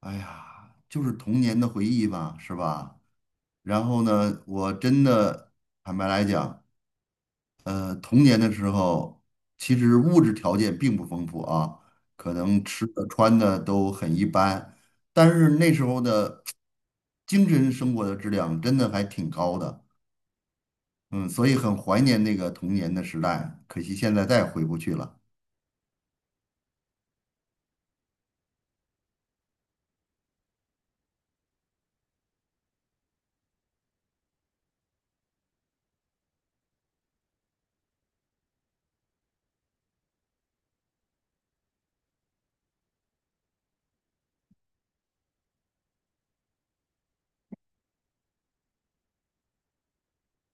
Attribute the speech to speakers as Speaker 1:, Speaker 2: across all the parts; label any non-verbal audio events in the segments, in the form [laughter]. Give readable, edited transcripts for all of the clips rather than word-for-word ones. Speaker 1: 哎呀，就是童年的回忆吧，是吧？然后呢，我真的坦白来讲，童年的时候，其实物质条件并不丰富啊，可能吃的穿的都很一般，但是那时候的精神生活的质量真的还挺高的，嗯，所以很怀念那个童年的时代，可惜现在再也回不去了。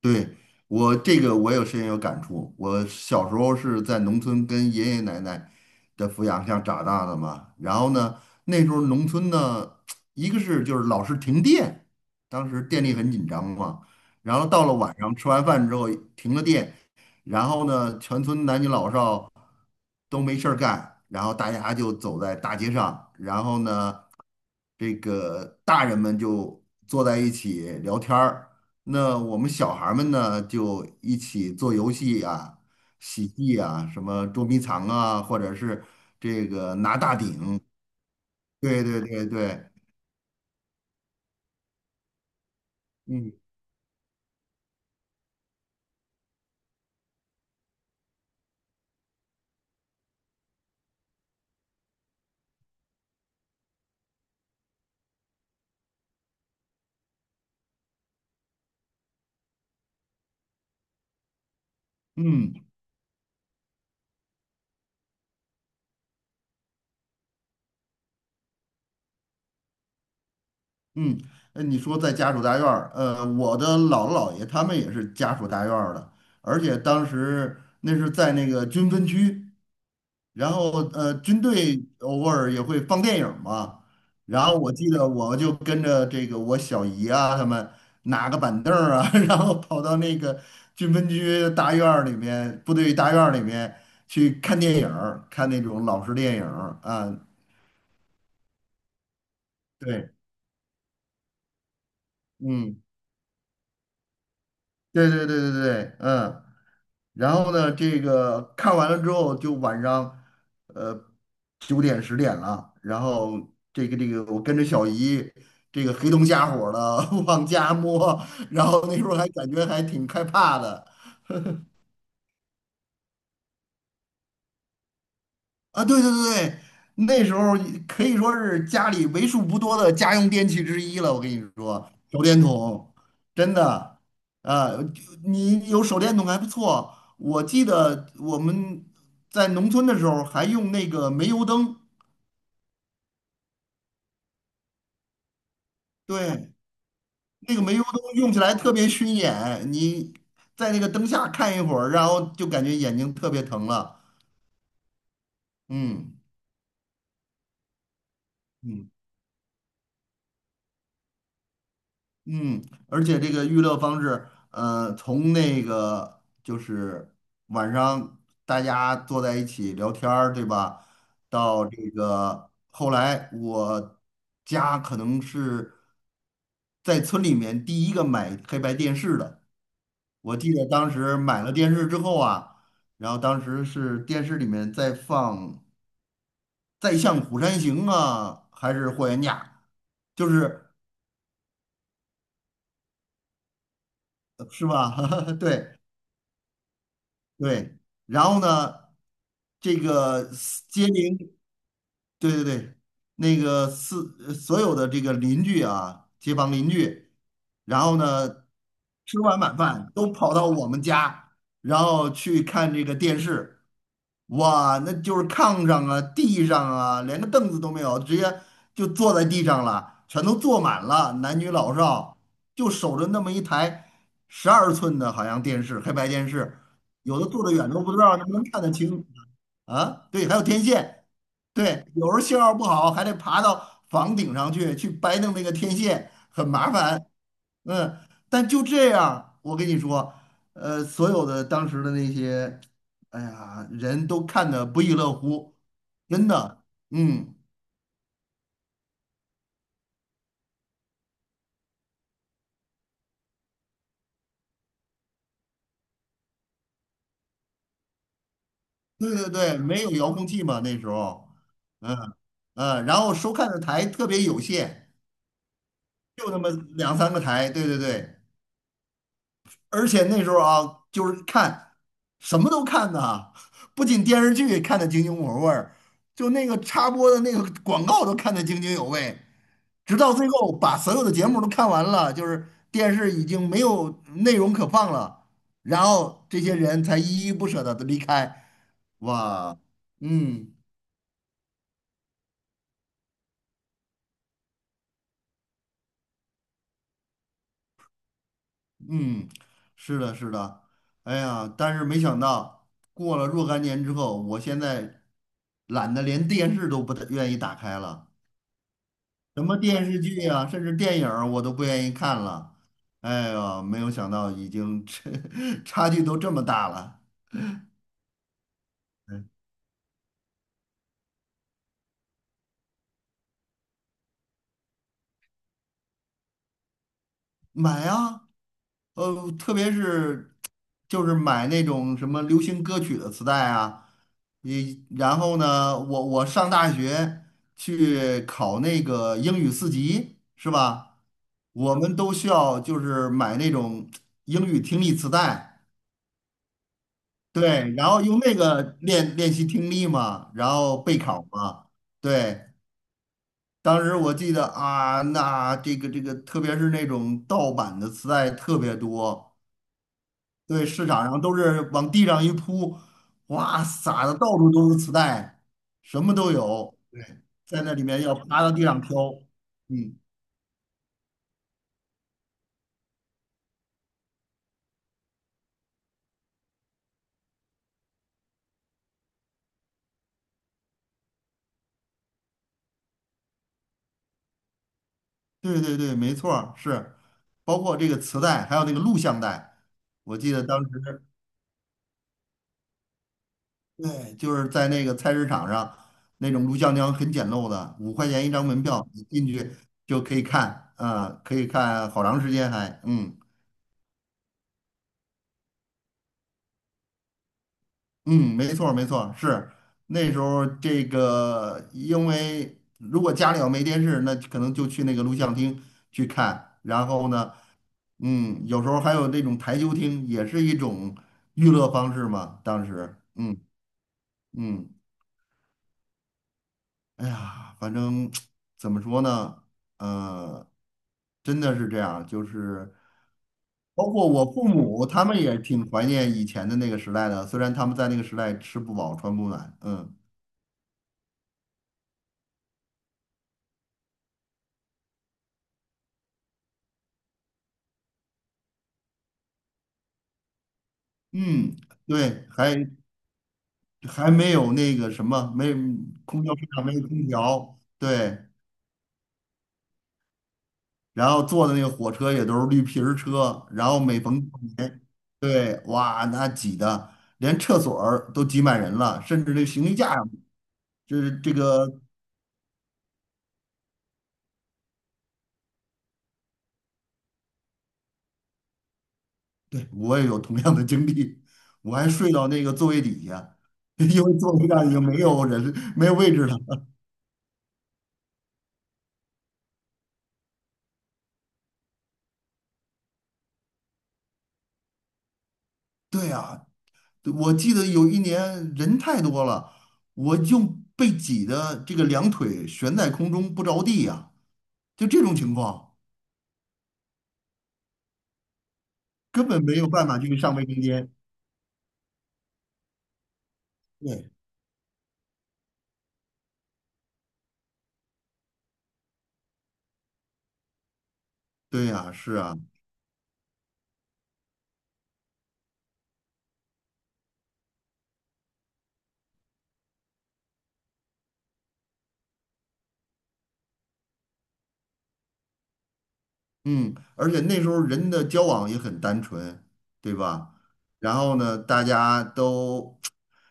Speaker 1: 对，我这个我有深有感触。我小时候是在农村跟爷爷奶奶的抚养下长大的嘛。然后呢，那时候农村呢，[tsk] 一个是就是老是停电，当时电力很紧张嘛。然后到了晚上吃完饭之后停了电，然后呢，全村男女老少。都没事儿干，然后大家就走在大街上，然后呢，这个大人们就坐在一起聊天儿，那我们小孩儿们呢就一起做游戏啊、喜剧啊，什么捉迷藏啊，或者是这个拿大顶，对对对对，嗯嗯嗯，你说在家属大院儿，我的姥姥姥爷他们也是家属大院儿的，而且当时那是在那个军分区。然后军队偶尔也会放电影嘛。然后我记得我就跟着这个我小姨啊，他们拿个板凳儿啊，[laughs] 然后跑到那个军分区大院儿里面、部队大院儿里面去看电影儿看那种老式电影儿啊。对，嗯对对对对对，嗯。然后呢，这个看完了之后，就晚上，呃，九点十点了。然后这个,我跟着小姨，这个黑灯瞎火的 [laughs] 往家摸，然后那时候还感觉还挺害怕的。啊，对对对，那时候可以说是家里为数不多的家用电器之一了。我跟你说，手电筒真的，啊，就你有手电筒还不错。我记得我们在农村的时候还用那个煤油灯，对，那个煤油灯用起来特别熏眼，你在那个灯下看一会儿，然后就感觉眼睛特别疼了。嗯嗯嗯，而且这个娱乐方式，从那个就是晚上大家坐在一起聊天儿，对吧？到这个后来，我家可能是在村里面第一个买黑白电视的。我记得当时买了电视之后啊，然后当时是电视里面在放《再向虎山行》啊，还是《霍元甲》，就是是吧？[laughs] 对。对，然后呢，这个接零。对对对，那个是所有的这个邻居啊，街坊邻居，然后呢，吃完晚饭都跑到我们家，然后去看这个电视，哇，那就是炕上啊、地上啊，连个凳子都没有，直接就坐在地上了，全都坐满了，男女老少就守着那么一台12寸的，好像电视，黑白电视，有的坐得远都不知道能不能看得清啊，对，还有天线。对，有时候信号不好，还得爬到房顶上去掰弄那个天线，很麻烦。嗯，但就这样，我跟你说，所有的当时的那些，哎呀，人都看得不亦乐乎，真的。嗯，对对对，没有遥控器嘛那时候，嗯嗯，然后收看的台特别有限，就那么两三个台，对对对。而且那时候啊，就是看什么都看呐，不仅电视剧看得津津有味儿，就那个插播的那个广告都看得津津有味，直到最后把所有的节目都看完了，就是电视已经没有内容可放了，然后这些人才依依不舍的离开。哇，嗯嗯，是的，是的，哎呀，但是没想到过了若干年之后，我现在懒得连电视都不太愿意打开了。什么电视剧啊，甚至电影儿我都不愿意看了。哎呦，没有想到已经 [laughs] 差距都这么大了，买啊！特别是就是买那种什么流行歌曲的磁带啊，你然后呢，我上大学去考那个英语四级是吧？我们都需要就是买那种英语听力磁带。对，然后用那个练习听力嘛，然后备考嘛。对，当时我记得啊，那这个,特别是那种盗版的磁带特别多，对，市场上都是往地上一铺，哇，撒的到处都是磁带，什么都有。对，在那里面要趴到地上挑。嗯，对对对，没错儿，是，包括这个磁带，还有那个录像带，我记得当时。对，就是在那个菜市场上，那种录像厅很简陋的，5块钱一张门票，你进去就可以看，啊、可以看好长时间还，嗯嗯，没错儿没错儿，是那时候这个，因为如果家里要没电视，那可能就去那个录像厅去看，然后呢，嗯，有时候还有那种台球厅，也是一种娱乐方式嘛，当时，嗯嗯。哎呀，反正怎么说呢，呃，真的是这样，就是包括我父母，他们也挺怀念以前的那个时代的，虽然他们在那个时代吃不饱穿不暖，嗯嗯，对，还没有那个什么，没空调车上没有空调，对，然后坐的那个火车也都是绿皮儿车，然后每逢过年，对，哇，那挤的连厕所儿都挤满人了，甚至那行李架。就是这个对，我也有同样的经历，我还睡到那个座位底下，[laughs] 因为座位上已经没有人，没有位置了。对呀，我记得有一年人太多了，我就被挤得这个两腿悬在空中不着地呀、就这种情况，根本没有办法去上卫生间。对，对呀、是啊，嗯，而且那时候人的交往也很单纯，对吧？然后呢，大家都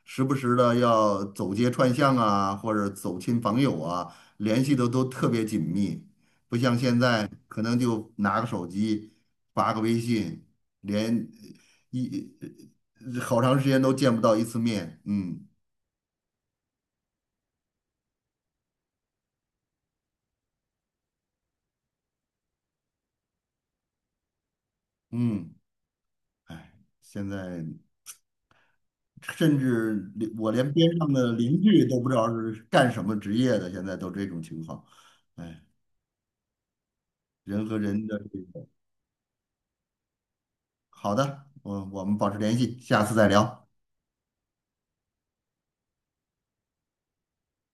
Speaker 1: 时不时的要走街串巷啊，或者走亲访友啊，联系的都特别紧密，不像现在可能就拿个手机发个微信，连一好长时间都见不到一次面，嗯嗯，哎，现在甚至连边上的邻居都不知道是干什么职业的，现在都这种情况，哎，人和人的这个，好的，我们保持联系，下次再聊。